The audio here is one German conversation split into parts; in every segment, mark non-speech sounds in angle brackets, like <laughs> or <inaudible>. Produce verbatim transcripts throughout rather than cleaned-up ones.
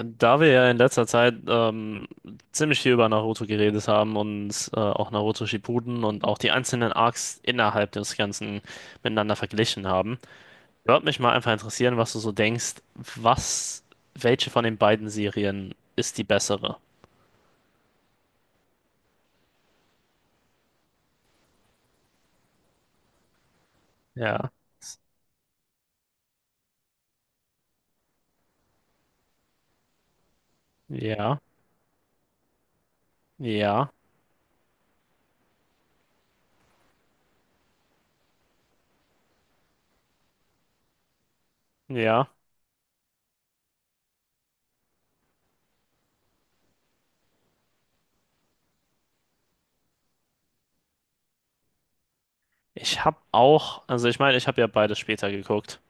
Da wir ja in letzter Zeit ähm, ziemlich viel über Naruto geredet haben und äh, auch Naruto Shippuden und auch die einzelnen Arcs innerhalb des Ganzen miteinander verglichen haben, würde mich mal einfach interessieren, was du so denkst, was, welche von den beiden Serien ist die bessere? Ja, ja, ja, ja. Ich habe auch, also ich meine, ich habe ja beides später geguckt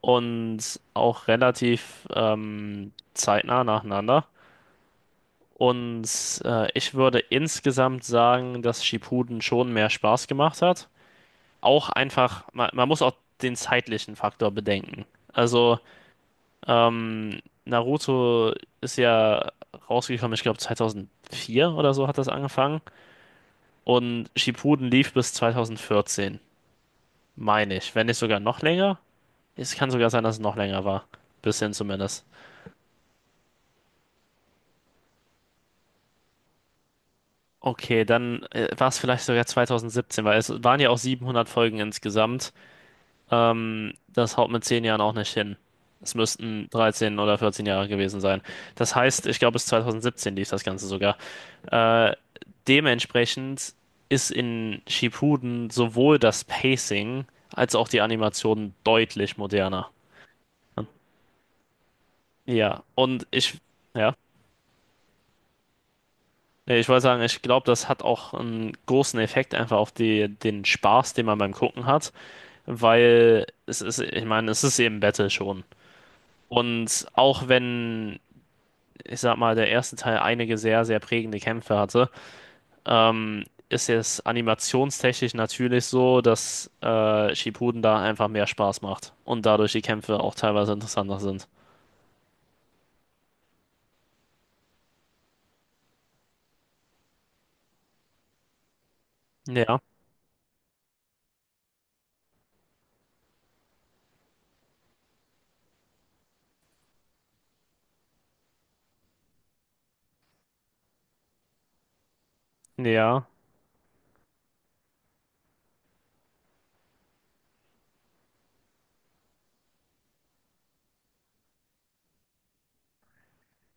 und auch relativ ähm, zeitnah nacheinander. Und äh, ich würde insgesamt sagen, dass Shippuden schon mehr Spaß gemacht hat. Auch einfach, man, man muss auch den zeitlichen Faktor bedenken. Also, ähm, Naruto ist ja rausgekommen, ich glaube zweitausendvier oder so hat das angefangen. Und Shippuden lief bis zweitausendvierzehn, meine ich. Wenn nicht sogar noch länger. Es kann sogar sein, dass es noch länger war. Bisschen zumindest. Okay, dann äh, war es vielleicht sogar zweitausendsiebzehn, weil es waren ja auch siebenhundert Folgen insgesamt. Ähm, das haut mit zehn Jahren auch nicht hin. Es müssten dreizehn oder vierzehn Jahre gewesen sein. Das heißt, ich glaube, bis zweitausendsiebzehn lief das Ganze sogar. Äh, dementsprechend ist in Shippuden sowohl das Pacing als auch die Animation deutlich moderner. Ja, und ich, ja, Nee, ich wollte sagen, ich glaube, das hat auch einen großen Effekt einfach auf die, den Spaß, den man beim Gucken hat, weil es ist, ich meine, es ist eben Battle schon. Und auch wenn ich sag mal, der erste Teil einige sehr, sehr prägende Kämpfe hatte, ähm, ist jetzt animationstechnisch natürlich so, dass äh, Shippuden da einfach mehr Spaß macht und dadurch die Kämpfe auch teilweise interessanter sind. Ja, ja,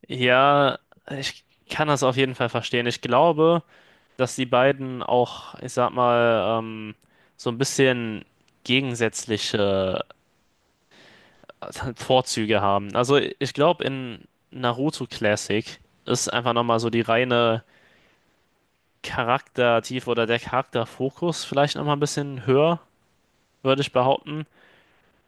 ja, ich kann das auf jeden Fall verstehen. Ich glaube, dass die beiden auch, ich sag mal, ähm, so ein bisschen gegensätzliche äh, Vorzüge haben. Also ich glaube, in Naruto Classic ist einfach nochmal so die reine Charaktertiefe oder der Charakterfokus vielleicht nochmal ein bisschen höher, würde ich behaupten.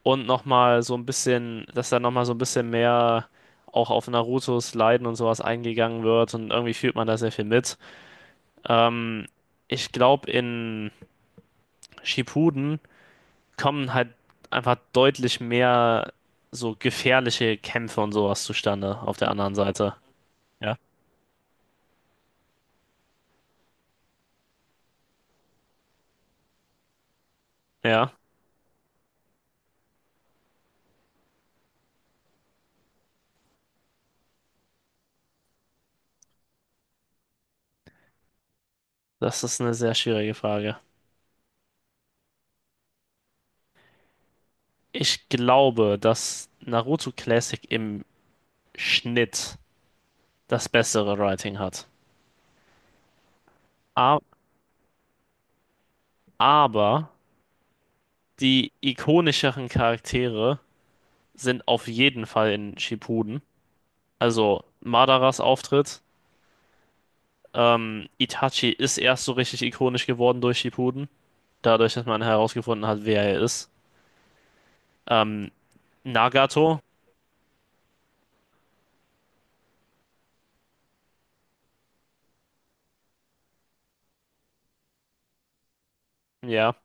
Und nochmal so ein bisschen, dass da nochmal so ein bisschen mehr auch auf Narutos Leiden und sowas eingegangen wird und irgendwie fühlt man da sehr viel mit. Ähm, ich glaube, in Shippuden kommen halt einfach deutlich mehr so gefährliche Kämpfe und sowas zustande auf der anderen Seite. Ja. Ja, das ist eine sehr schwierige Frage. Ich glaube, dass Naruto Classic im Schnitt das bessere Writing hat. A- Aber die ikonischeren Charaktere sind auf jeden Fall in Shippuden. Also Madaras Auftritt. Ähm, Itachi ist erst so richtig ikonisch geworden durch Shippuden. Dadurch, dass man herausgefunden hat, wer er ist. Ähm, Nagato. Ja,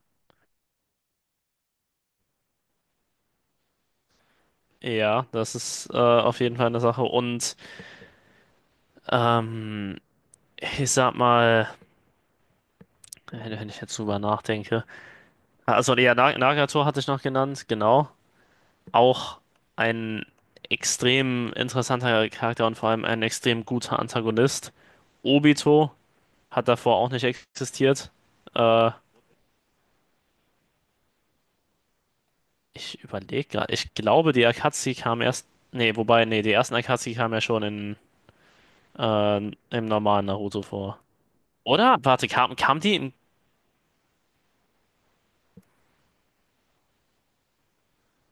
ja, das ist äh, auf jeden Fall eine Sache. Und ähm, ich sag mal, wenn wenn ich jetzt drüber nachdenke. Also ja, Na- Nagato hatte ich noch genannt, genau. Auch ein extrem interessanter Charakter und vor allem ein extrem guter Antagonist. Obito hat davor auch nicht existiert. Äh, ich überlege gerade. Ich glaube, die Akatsuki kam erst. Nee, wobei, nee, die ersten Akatsuki kamen ja schon in, äh, im normalen Naruto vor. Oder? Warte, kam, kam die im,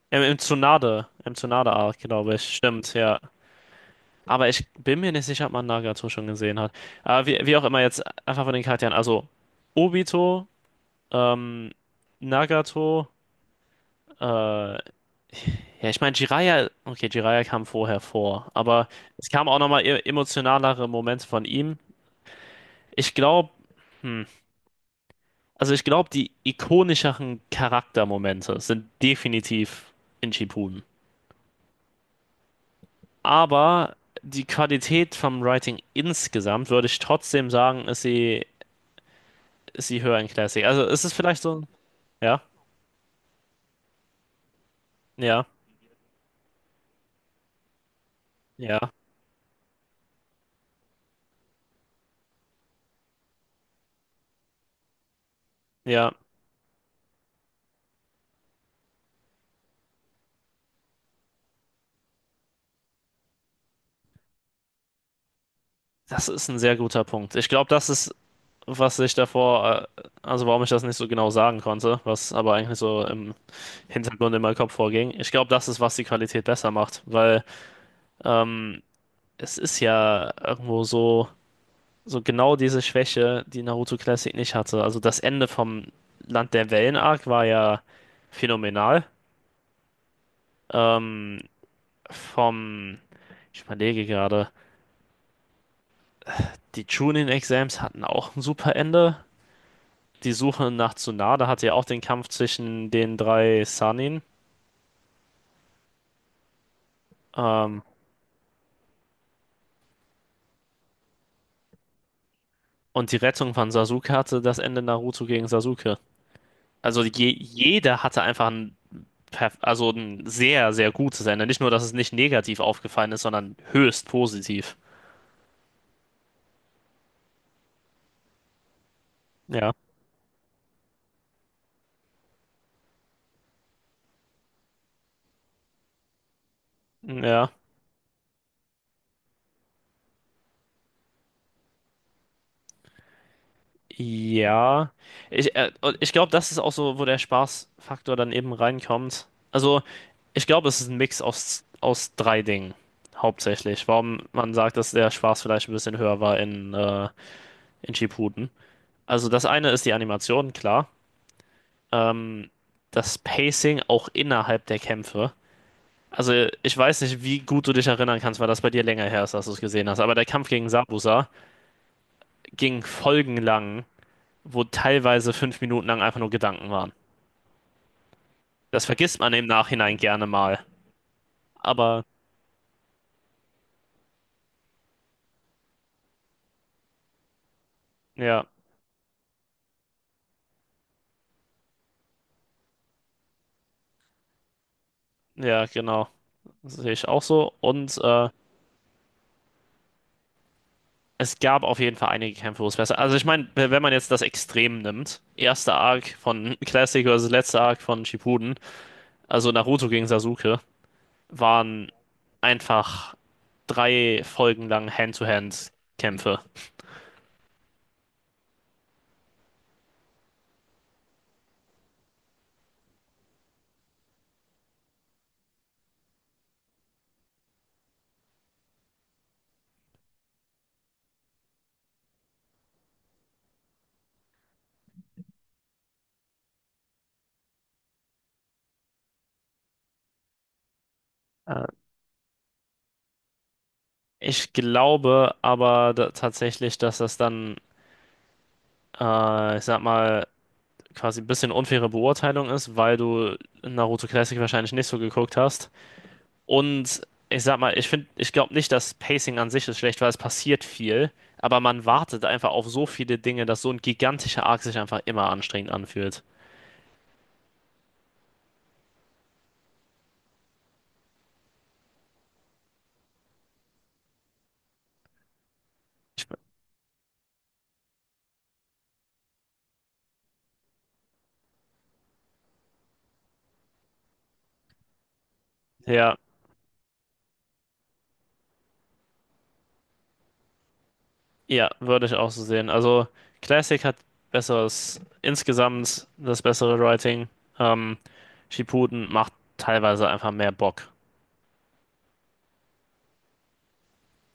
im, im Tsunade? Im Tsunade-Arc, glaube ich. Stimmt, ja. Aber ich bin mir nicht sicher, ob man Nagato schon gesehen hat. Aber wie, wie auch immer, jetzt einfach von den Charakteren. Also, Obito, ähm, Nagato, äh, ja, ich meine, Jiraiya, okay, Jiraiya kam vorher vor, aber es kamen auch nochmal e- emotionalere Momente von ihm. Ich glaube, hm, also ich glaube, die ikonischeren Charaktermomente sind definitiv in Shippuden. Aber die Qualität vom Writing insgesamt, würde ich trotzdem sagen, ist sie, ist sie höher in Classic. Also ist es ist vielleicht so ein, ja, ja, ja, ja. Das ist ein sehr guter Punkt. Ich glaube, das ist was ich davor, äh, also warum ich das nicht so genau sagen konnte, was aber eigentlich so im Hintergrund in meinem Kopf vorging. Ich glaube, das ist, was die Qualität besser macht, weil ähm, es ist ja irgendwo so, so genau diese Schwäche, die Naruto Classic nicht hatte. Also das Ende vom Land der Wellen-Arc war ja phänomenal. Ähm, vom, ich überlege gerade, die Chunin-Exams hatten auch ein super Ende. Die Suche nach Tsunade hatte ja auch den Kampf zwischen den drei Sannin. Ähm, und die Rettung von Sasuke hatte das Ende Naruto gegen Sasuke. Also je, jeder hatte einfach ein, perf- also ein sehr, sehr gutes Ende. Nicht nur, dass es nicht negativ aufgefallen ist, sondern höchst positiv. Ja, ja, ja. Ich, äh, und ich glaube, das ist auch so, wo der Spaßfaktor dann eben reinkommt. Also, ich glaube, es ist ein Mix aus, aus drei Dingen. Hauptsächlich, warum man sagt, dass der Spaß vielleicht ein bisschen höher war in, äh, in Shippuden. Also das eine ist die Animation, klar. ähm, das Pacing auch innerhalb der Kämpfe. Also ich weiß nicht, wie gut du dich erinnern kannst, weil das bei dir länger her ist, dass du es gesehen hast. Aber der Kampf gegen Sabusa ging folgenlang, wo teilweise fünf Minuten lang einfach nur Gedanken waren. Das vergisst man im Nachhinein gerne mal. Aber ja, ja, genau. Das sehe ich auch so. Und äh, es gab auf jeden Fall einige Kämpfe, wo es besser. Also ich meine, wenn man jetzt das Extrem nimmt, erster Arc von <laughs> Classic versus letzter Arc von Shippuden, also Naruto gegen Sasuke, waren einfach drei Folgen lang Hand-to-Hand-Kämpfe. Äh, ich glaube aber da, tatsächlich, dass das dann, äh, ich sag mal, quasi ein bisschen unfaire Beurteilung ist, weil du Naruto Classic wahrscheinlich nicht so geguckt hast. Und ich sag mal, ich finde, ich glaube nicht, dass Pacing an sich ist schlecht, weil es passiert viel, aber man wartet einfach auf so viele Dinge, dass so ein gigantischer Arc sich einfach immer anstrengend anfühlt. Ich, ja, ja, würde ich auch so sehen. Also Classic hat besseres, insgesamt das bessere Writing. Ähm, Shippuden macht teilweise einfach mehr Bock.